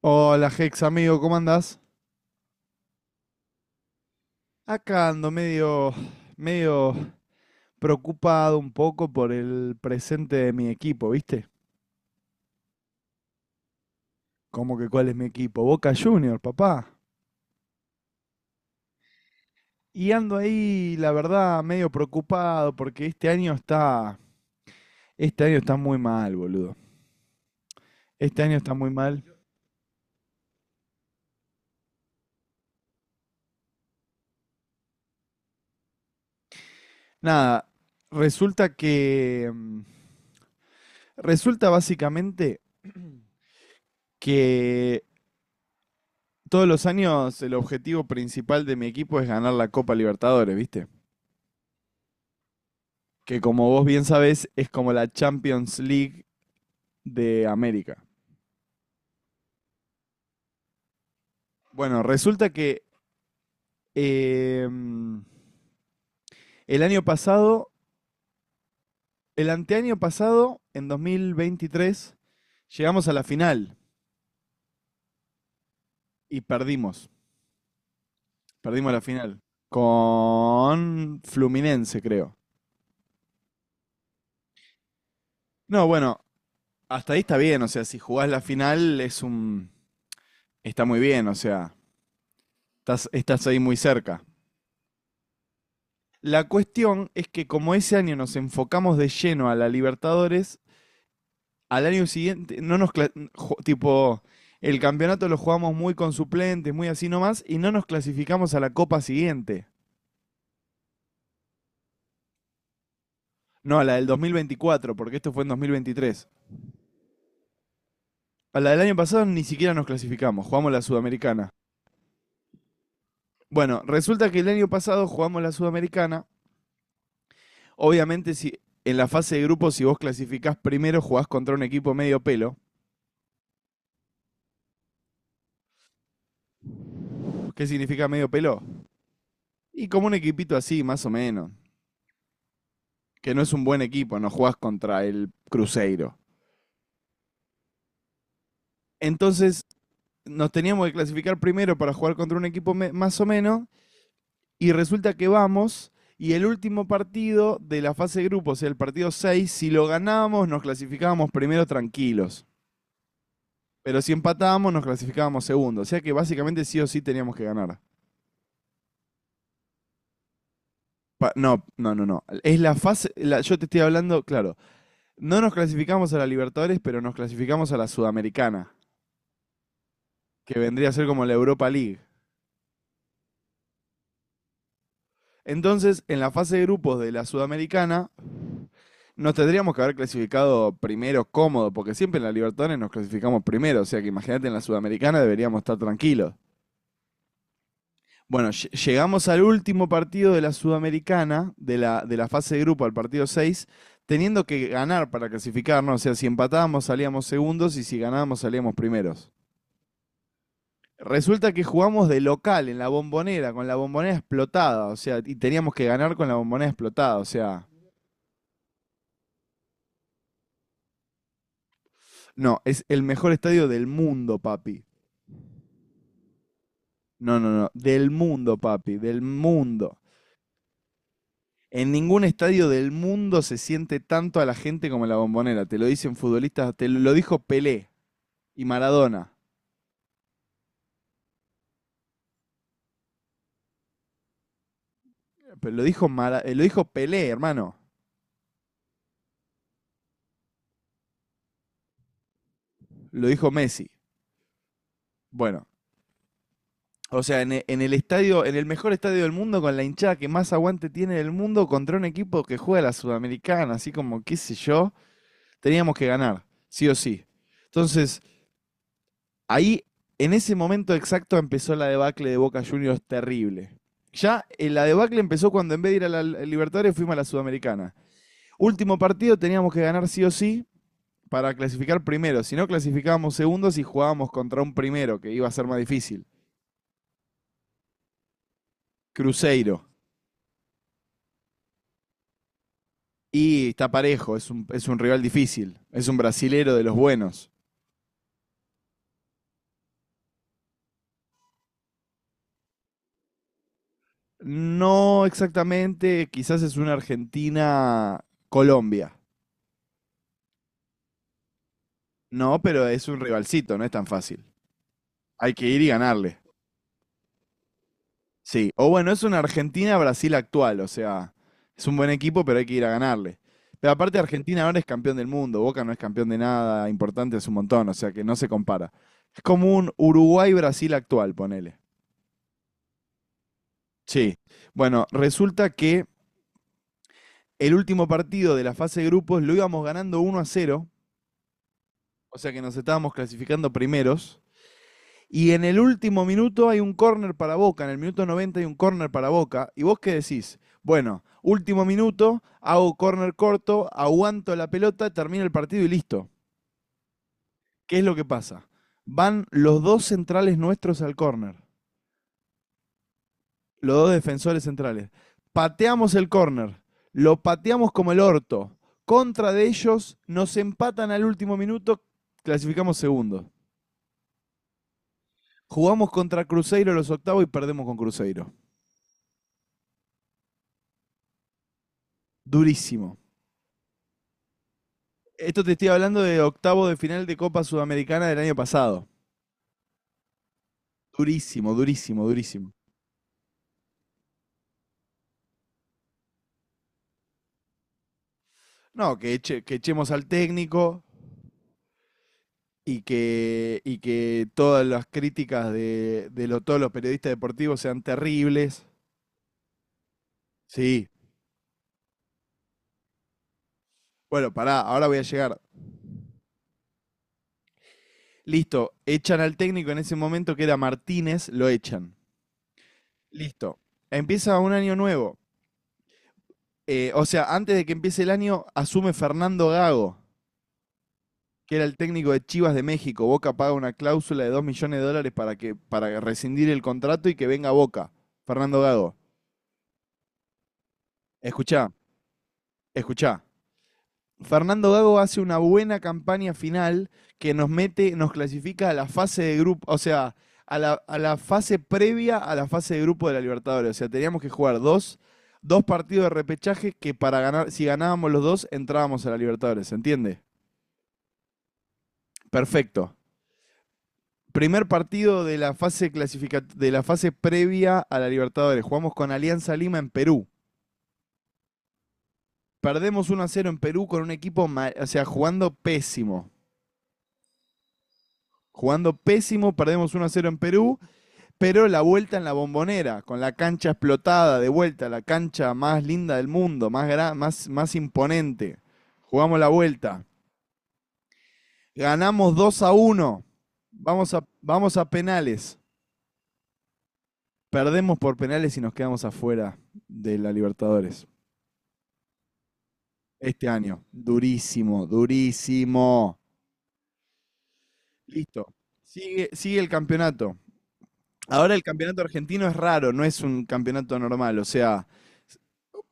Hola, Hex, amigo, ¿cómo andás? Acá ando medio preocupado un poco por el presente de mi equipo, ¿viste? ¿Cómo que cuál es mi equipo? Boca Juniors, papá. Y ando ahí, la verdad, medio preocupado porque este año está muy mal, boludo. Este año está muy mal. Nada, resulta que, mm, resulta básicamente que todos los años el objetivo principal de mi equipo es ganar la Copa Libertadores, ¿viste? Que como vos bien sabés es como la Champions League de América. Bueno, resulta que eh, el año pasado, el anteaño pasado, en 2023, llegamos a la final y perdimos. Perdimos la final con Fluminense, creo. No, bueno, hasta ahí está bien, o sea, si jugás la final es un. Está muy bien, o sea, estás ahí muy cerca. La cuestión es que como ese año nos enfocamos de lleno a la Libertadores, al año siguiente no nos tipo el campeonato lo jugamos muy con suplentes, muy así nomás y no nos clasificamos a la copa siguiente. No, a la del 2024, porque esto fue en 2023. A la del año pasado ni siquiera nos clasificamos, jugamos la Sudamericana. Bueno, resulta que el año pasado jugamos la Sudamericana. Obviamente, si en la fase de grupos, si vos clasificás primero, jugás contra un equipo medio pelo. ¿Qué significa medio pelo? Y como un equipito así, más o menos, que no es un buen equipo, no jugás contra el Cruzeiro. Entonces nos teníamos que clasificar primero para jugar contra un equipo más o menos, y resulta que vamos, y el último partido de la fase de grupos, o sea, el partido 6, si lo ganábamos nos clasificábamos primero tranquilos, pero si empatábamos nos clasificábamos segundo, o sea que básicamente sí o sí teníamos que ganar. No, no, no, no. Es la fase, yo te estoy hablando, claro, no nos clasificamos a la Libertadores, pero nos clasificamos a la Sudamericana. Que vendría a ser como la Europa League. Entonces, en la fase de grupos de la Sudamericana, nos tendríamos que haber clasificado primero cómodo, porque siempre en la Libertadores nos clasificamos primero, o sea que imagínate, en la Sudamericana deberíamos estar tranquilos. Bueno, llegamos al último partido de la Sudamericana, de la fase de grupo, al partido 6, teniendo que ganar para clasificarnos, o sea, si empatábamos salíamos segundos y si ganábamos salíamos primeros. Resulta que jugamos de local en la bombonera, con la bombonera explotada, o sea, y teníamos que ganar con la bombonera explotada, o sea. No, es el mejor estadio del mundo, papi. No, no, no, del mundo, papi, del mundo. En ningún estadio del mundo se siente tanto a la gente como en la bombonera. Te lo dicen futbolistas, te lo dijo Pelé y Maradona. Pero lo dijo Pelé, hermano. Lo dijo Messi. Bueno, o sea, en el estadio, en el mejor estadio del mundo, con la hinchada que más aguante tiene del mundo, contra un equipo que juega la Sudamericana, así como qué sé yo, teníamos que ganar, sí o sí. Entonces, ahí, en ese momento exacto, empezó la debacle de Boca Juniors terrible. Ya, la debacle empezó cuando en vez de ir a la Libertadores fuimos a la Sudamericana. Último partido teníamos que ganar sí o sí para clasificar primero. Si no, clasificábamos segundos y jugábamos contra un primero, que iba a ser más difícil. Cruzeiro. Y está parejo, es un rival difícil, es un brasilero de los buenos. No exactamente, quizás es una Argentina-Colombia. No, pero es un rivalcito, no es tan fácil. Hay que ir y ganarle. Sí, o bueno, es una Argentina-Brasil actual, o sea, es un buen equipo, pero hay que ir a ganarle. Pero aparte Argentina ahora es campeón del mundo, Boca no es campeón de nada, importante es un montón, o sea que no se compara. Es como un Uruguay-Brasil actual, ponele. Sí. Bueno, resulta que el último partido de la fase de grupos lo íbamos ganando 1-0, o sea que nos estábamos clasificando primeros. Y en el último minuto hay un córner para Boca, en el minuto 90 hay un córner para Boca. ¿Y vos qué decís? Bueno, último minuto, hago córner corto, aguanto la pelota, termino el partido y listo. ¿Qué es lo que pasa? Van los dos centrales nuestros al córner, los dos defensores centrales. Pateamos el córner, lo pateamos como el orto. Contra de ellos, nos empatan al último minuto, clasificamos segundo. Jugamos contra Cruzeiro los octavos y perdemos con Cruzeiro. Durísimo. Esto te estoy hablando de octavo de final de Copa Sudamericana del año pasado. Durísimo, durísimo, durísimo. No, que echemos al técnico y que todas las críticas de todos los periodistas deportivos sean terribles. Sí. Bueno, pará, ahora voy a llegar. Listo, echan al técnico en ese momento que era Martínez, lo echan. Listo. Empieza un año nuevo. O sea, antes de que empiece el año, asume Fernando Gago, que era el técnico de Chivas de México. Boca paga una cláusula de 2 millones de dólares para rescindir el contrato y que venga Boca. Fernando Gago. Escuchá, escuchá. Fernando Gago hace una buena campaña final que nos mete, nos clasifica a la fase de grupo, o sea, a la fase previa a la fase de grupo de la Libertadores. O sea, teníamos que jugar dos partidos de repechaje que, para ganar, si ganábamos los dos, entrábamos a la Libertadores, ¿se entiende? Perfecto. Primer partido de la de la fase previa a la Libertadores. Jugamos con Alianza Lima en Perú. Perdemos 1-0 en Perú con un equipo, o sea, jugando pésimo. Jugando pésimo, perdemos 1-0 en Perú. Pero la vuelta en la bombonera, con la cancha explotada de vuelta, la cancha más linda del mundo, más imponente. Jugamos la vuelta. Ganamos 2-1. Vamos a penales. Perdemos por penales y nos quedamos afuera de la Libertadores. Este año. Durísimo, durísimo. Listo. Sigue el campeonato. Ahora el campeonato argentino es raro, no es un campeonato normal. O sea,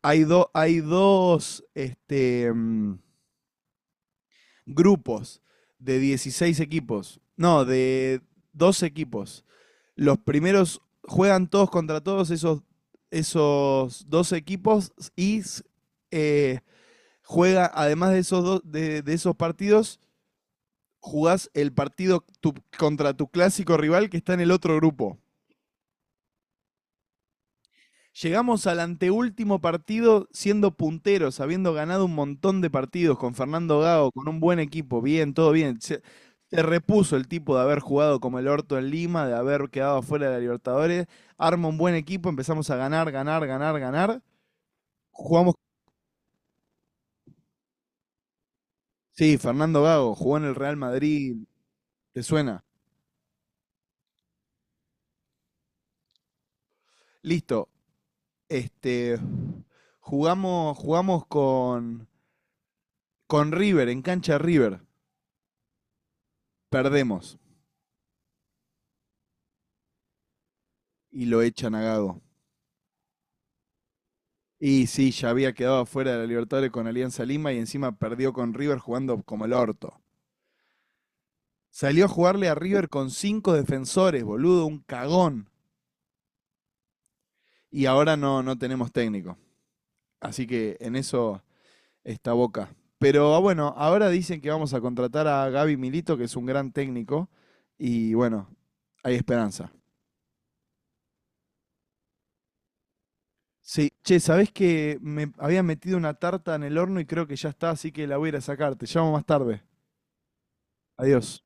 hay dos, grupos de 16 equipos. No, de 12 equipos. Los primeros juegan todos contra todos esos 12 equipos y eh, juega, además de esos, de esos partidos, jugás el partido contra tu clásico rival que está en el otro grupo. Llegamos al anteúltimo partido siendo punteros, habiendo ganado un montón de partidos con Fernando Gago, con un buen equipo, bien, todo bien. Se repuso el tipo de haber jugado como el orto en Lima, de haber quedado afuera de la Libertadores. Arma un buen equipo, empezamos a ganar, ganar, ganar, ganar. Jugamos. Sí, Fernando Gago jugó en el Real Madrid, ¿te suena? Listo. Este, jugamos con River, en cancha River. Perdemos y lo echan a Gago. Y sí, ya había quedado fuera de la Libertadores con Alianza Lima y encima perdió con River jugando como el orto. Salió a jugarle a River con cinco defensores, boludo, un cagón. Y ahora no tenemos técnico. Así que en eso está Boca. Pero bueno, ahora dicen que vamos a contratar a Gaby Milito, que es un gran técnico. Y bueno, hay esperanza. Sí, che, ¿sabés que me había metido una tarta en el horno y creo que ya está, así que la voy a ir a sacar. Te llamo más tarde. Adiós.